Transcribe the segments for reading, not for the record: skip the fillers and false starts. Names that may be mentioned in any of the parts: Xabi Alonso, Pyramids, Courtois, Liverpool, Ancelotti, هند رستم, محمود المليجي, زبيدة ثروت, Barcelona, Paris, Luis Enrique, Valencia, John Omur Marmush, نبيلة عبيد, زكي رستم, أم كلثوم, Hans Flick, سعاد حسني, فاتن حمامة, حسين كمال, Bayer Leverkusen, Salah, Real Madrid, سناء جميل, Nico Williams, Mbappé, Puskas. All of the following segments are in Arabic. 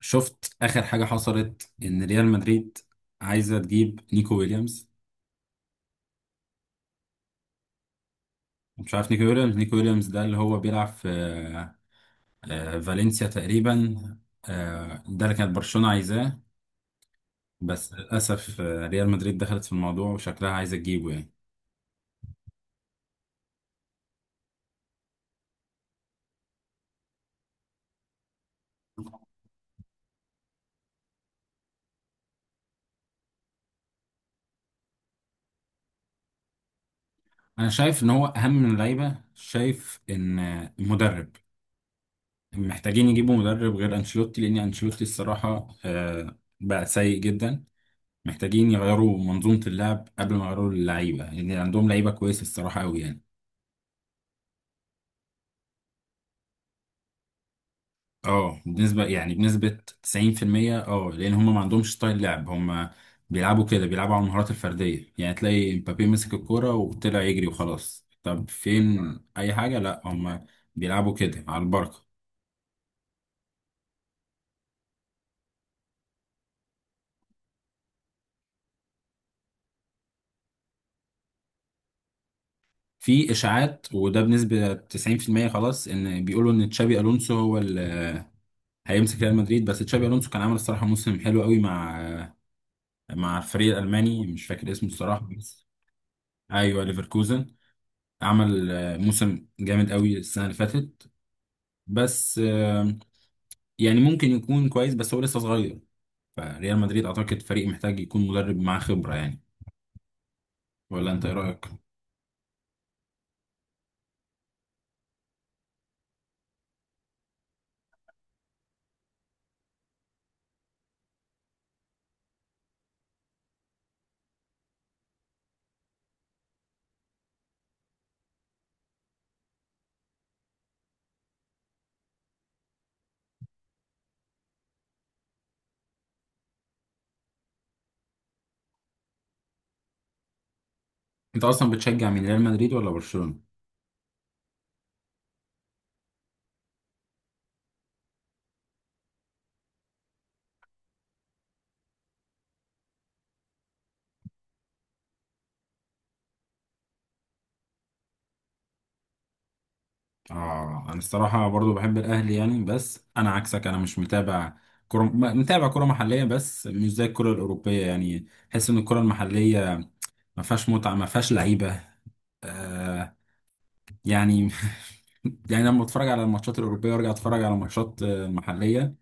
شفت اخر حاجه حصلت ان ريال مدريد عايزه تجيب نيكو ويليامز. مش عارف، نيكو ويليامز، ده اللي هو بيلعب في فالنسيا تقريبا. ده اللي كانت برشلونه عايزاه، بس للاسف ريال مدريد دخلت في الموضوع وشكلها عايزه تجيبه يعني. انا شايف ان هو اهم من اللعيبه، شايف ان المدرب محتاجين يجيبوا مدرب غير انشيلوتي، لان انشيلوتي الصراحه بقى سيء جدا. محتاجين يغيروا منظومة اللعب قبل ما يغيروا اللعيبة، يعني عندهم لعيبة كويسة الصراحة أوي يعني. اه، بنسبة يعني بنسبة 90%، اه لأن هم ما عندهمش ستايل لعب. هم بيلعبوا كده، بيلعبوا على المهارات الفردية، يعني تلاقي مبابي مسك الكورة وطلع يجري وخلاص. طب فين أي حاجة؟ لا، هم بيلعبوا كده على البركة. في إشاعات، وده بنسبة 90% خلاص، إن بيقولوا إن تشابي ألونسو هو اللي هيمسك ريال مدريد. بس تشابي ألونسو كان عامل الصراحة موسم حلو قوي مع مع الفريق الالماني، مش فاكر اسمه الصراحه بس. ايوه، ليفركوزن. عمل موسم جامد قوي السنه اللي فاتت، بس يعني ممكن يكون كويس بس هو لسه صغير. فريال مدريد اعتقد فريق محتاج يكون مدرب معاه خبره يعني. ولا انت ايه رايك؟ انت اصلا بتشجع من ريال مدريد ولا برشلونه؟ اه، انا الصراحه برضو بحب الاهلي يعني، بس انا عكسك، انا مش متابع كرة، متابع كرة محلية بس مش زي الكرة الأوروبية. يعني حس إن الكرة المحلية ما فيهاش متعه، ما فيهاش لعيبه. آه يعني يعني لما اتفرج على الماتشات الاوروبيه وارجع اتفرج على ماتشات محليه،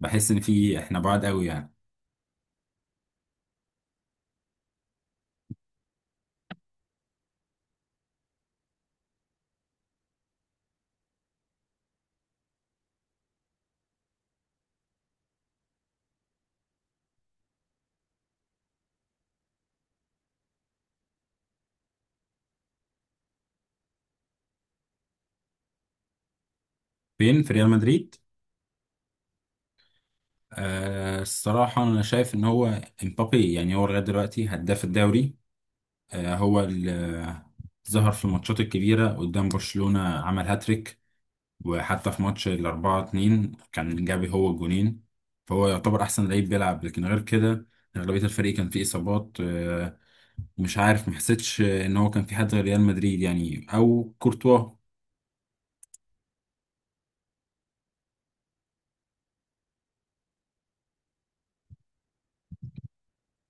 بحس ان في احنا بعاد قوي يعني. فين في ريال مدريد؟ آه الصراحه انا شايف ان هو امبابي، يعني هو لغايه دلوقتي هداف الدوري. آه، هو اللي ظهر في الماتشات الكبيره، قدام برشلونه عمل هاتريك، وحتى في ماتش الأربعة اتنين كان جابي هو الجونين. فهو يعتبر أحسن لعيب بيلعب، لكن غير كده أغلبية الفريق كان فيه إصابات. مش عارف، محسيتش إن هو كان في حد غير ريال مدريد يعني، أو كورتوا.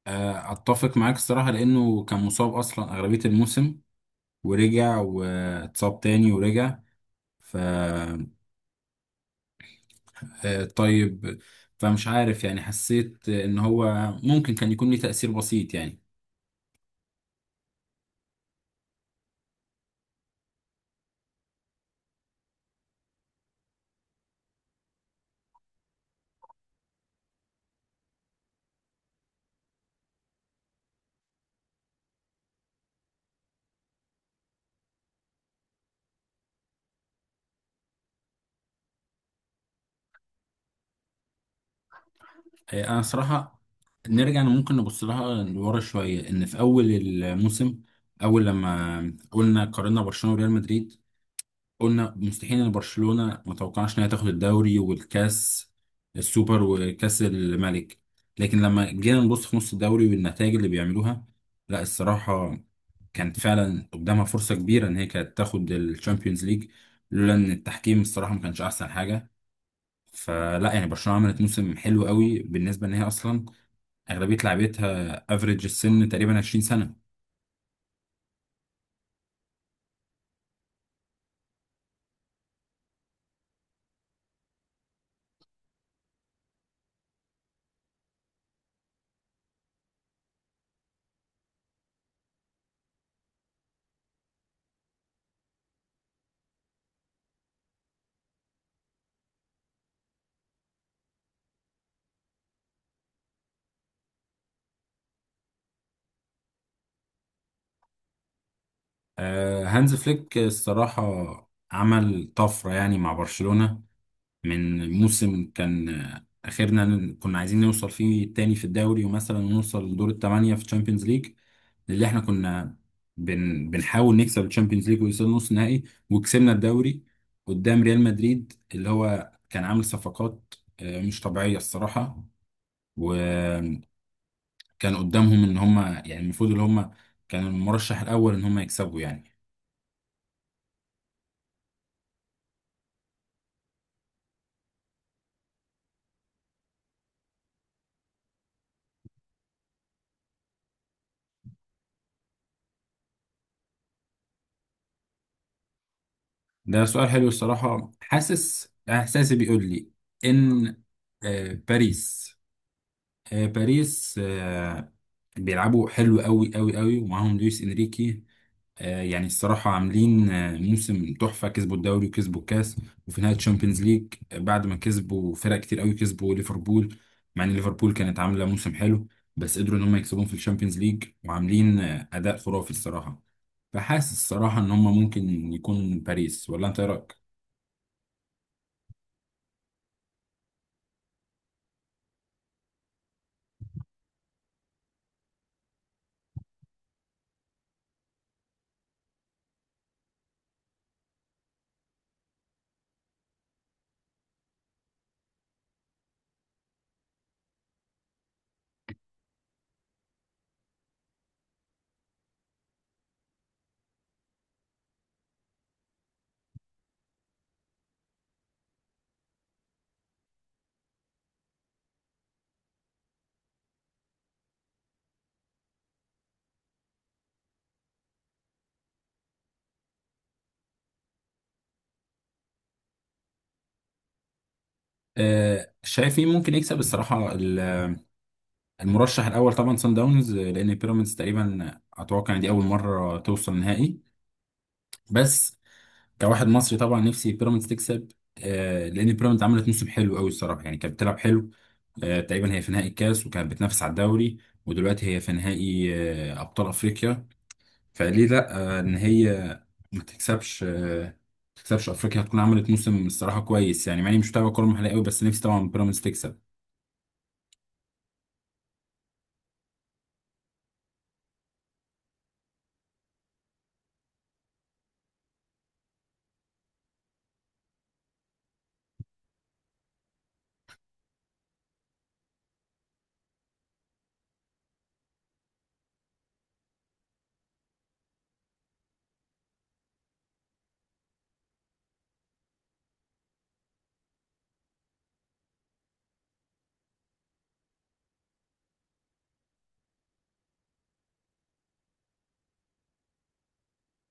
أتفق معاك الصراحة، لأنه كان مصاب أصلا أغلبية الموسم، ورجع واتصاب تاني ورجع، ف آه، طيب، فمش عارف يعني، حسيت إن هو ممكن كان يكون ليه تأثير بسيط يعني. انا صراحه نرجع، ممكن نبص لها لورا شويه. ان في اول الموسم، اول لما قلنا قارنا برشلونه وريال مدريد، قلنا مستحيل ان برشلونه، ما توقعناش انها تاخد الدوري والكاس السوبر وكاس الملك. لكن لما جينا نبص في نص الدوري والنتائج اللي بيعملوها، لا الصراحه كانت فعلا قدامها فرصه كبيره ان هي كانت تاخد الشامبيونز ليج، لولا ان التحكيم الصراحه ما كانش احسن حاجه. فلا يعني برشلونه عملت موسم حلو قوي بالنسبه ان هي اصلا اغلبيه لعيبتها افريج السن تقريبا 20 سنه. هانز فليك الصراحه عمل طفره يعني مع برشلونه، من موسم كان اخرنا كنا عايزين نوصل فيه تاني في الدوري ومثلا نوصل لدور الثمانيه في تشامبيونز ليج، اللي احنا كنا بنحاول نكسب الشامبيونز ليج ويوصل نص نهائي. وكسبنا الدوري قدام ريال مدريد، اللي هو كان عامل صفقات مش طبيعية الصراحة. كان قدامهم ان هم يعني المفروض اللي هم، كان المرشح الاول ان هم يكسبوا يعني. ده سؤال حلو الصراحه، حاسس احساسي بيقول لي ان آه، باريس باريس بيلعبوا حلو قوي قوي قوي، ومعاهم لويس انريكي. يعني الصراحة عاملين موسم تحفة، كسبوا الدوري وكسبوا الكاس، وفي نهاية الشامبيونز ليج بعد ما كسبوا فرق كتير قوي، كسبوا ليفربول، مع ان ليفربول كانت عاملة موسم حلو، بس قدروا ان هم يكسبوهم في الشامبيونز ليج، وعاملين أداء خرافي الصراحة. فحاسس الصراحة ان هم ممكن يكون باريس، ولا انت إيه رأيك؟ شايف مين ممكن يكسب الصراحة؟ المرشح الأول طبعا سان داونز، لأن بيراميدز تقريبا أتوقع إن دي أول مرة توصل نهائي، بس كواحد مصري طبعا نفسي بيراميدز تكسب. لان بيراميدز عملت موسم حلو قوي الصراحه، يعني كانت بتلعب حلو. تقريبا هي في نهائي الكاس، وكانت بتنافس على الدوري، ودلوقتي هي في نهائي ابطال افريقيا. فليه لا ان هي ما تكسبش آه، ما تكسبش؟ هتكون عملت موسم الصراحه كويس يعني، مع اني مش متابع كوره محليه قوي، بس نفسي طبعا بيراميدز تكسب.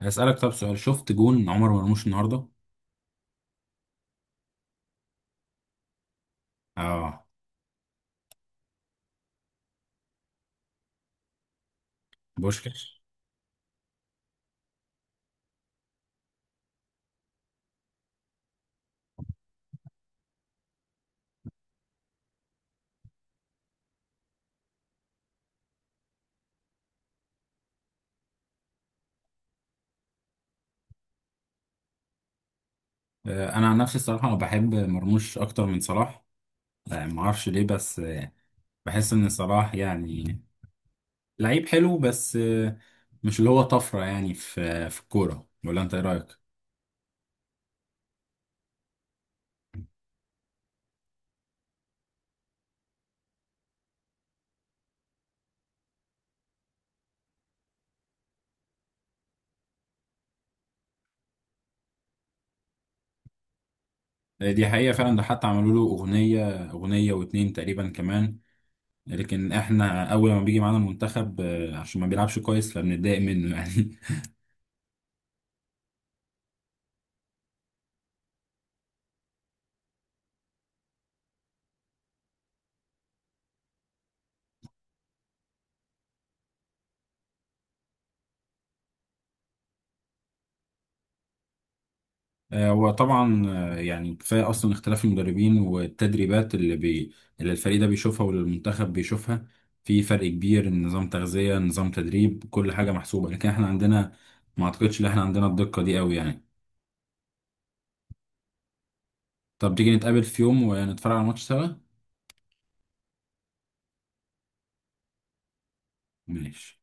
هسالك طب سؤال، شفت جون عمر مرموش النهارده؟ اه بوشكاش. انا عن نفسي الصراحه بحب مرموش اكتر من صلاح. ما اعرفش ليه، بس بحس ان صلاح يعني لعيب حلو، بس مش اللي هو طفره يعني في في الكوره. ولا انت ايه رايك؟ دي حقيقه فعلا، ده حتى عملوا له اغنيه، اغنيه واتنين تقريبا كمان، لكن احنا اول ما بيجي معانا المنتخب عشان ما بيلعبش كويس فبنتضايق منه يعني. وطبعا يعني كفايه اصلا اختلاف المدربين والتدريبات اللي الفريق ده بيشوفها واللي المنتخب بيشوفها. في فرق كبير، نظام تغذيه، نظام تدريب، كل حاجه محسوبه، لكن احنا عندنا ما اعتقدش ان احنا عندنا الدقه دي قوي يعني. طب تيجي نتقابل في يوم ونتفرج على ماتش سوا؟ ماشي.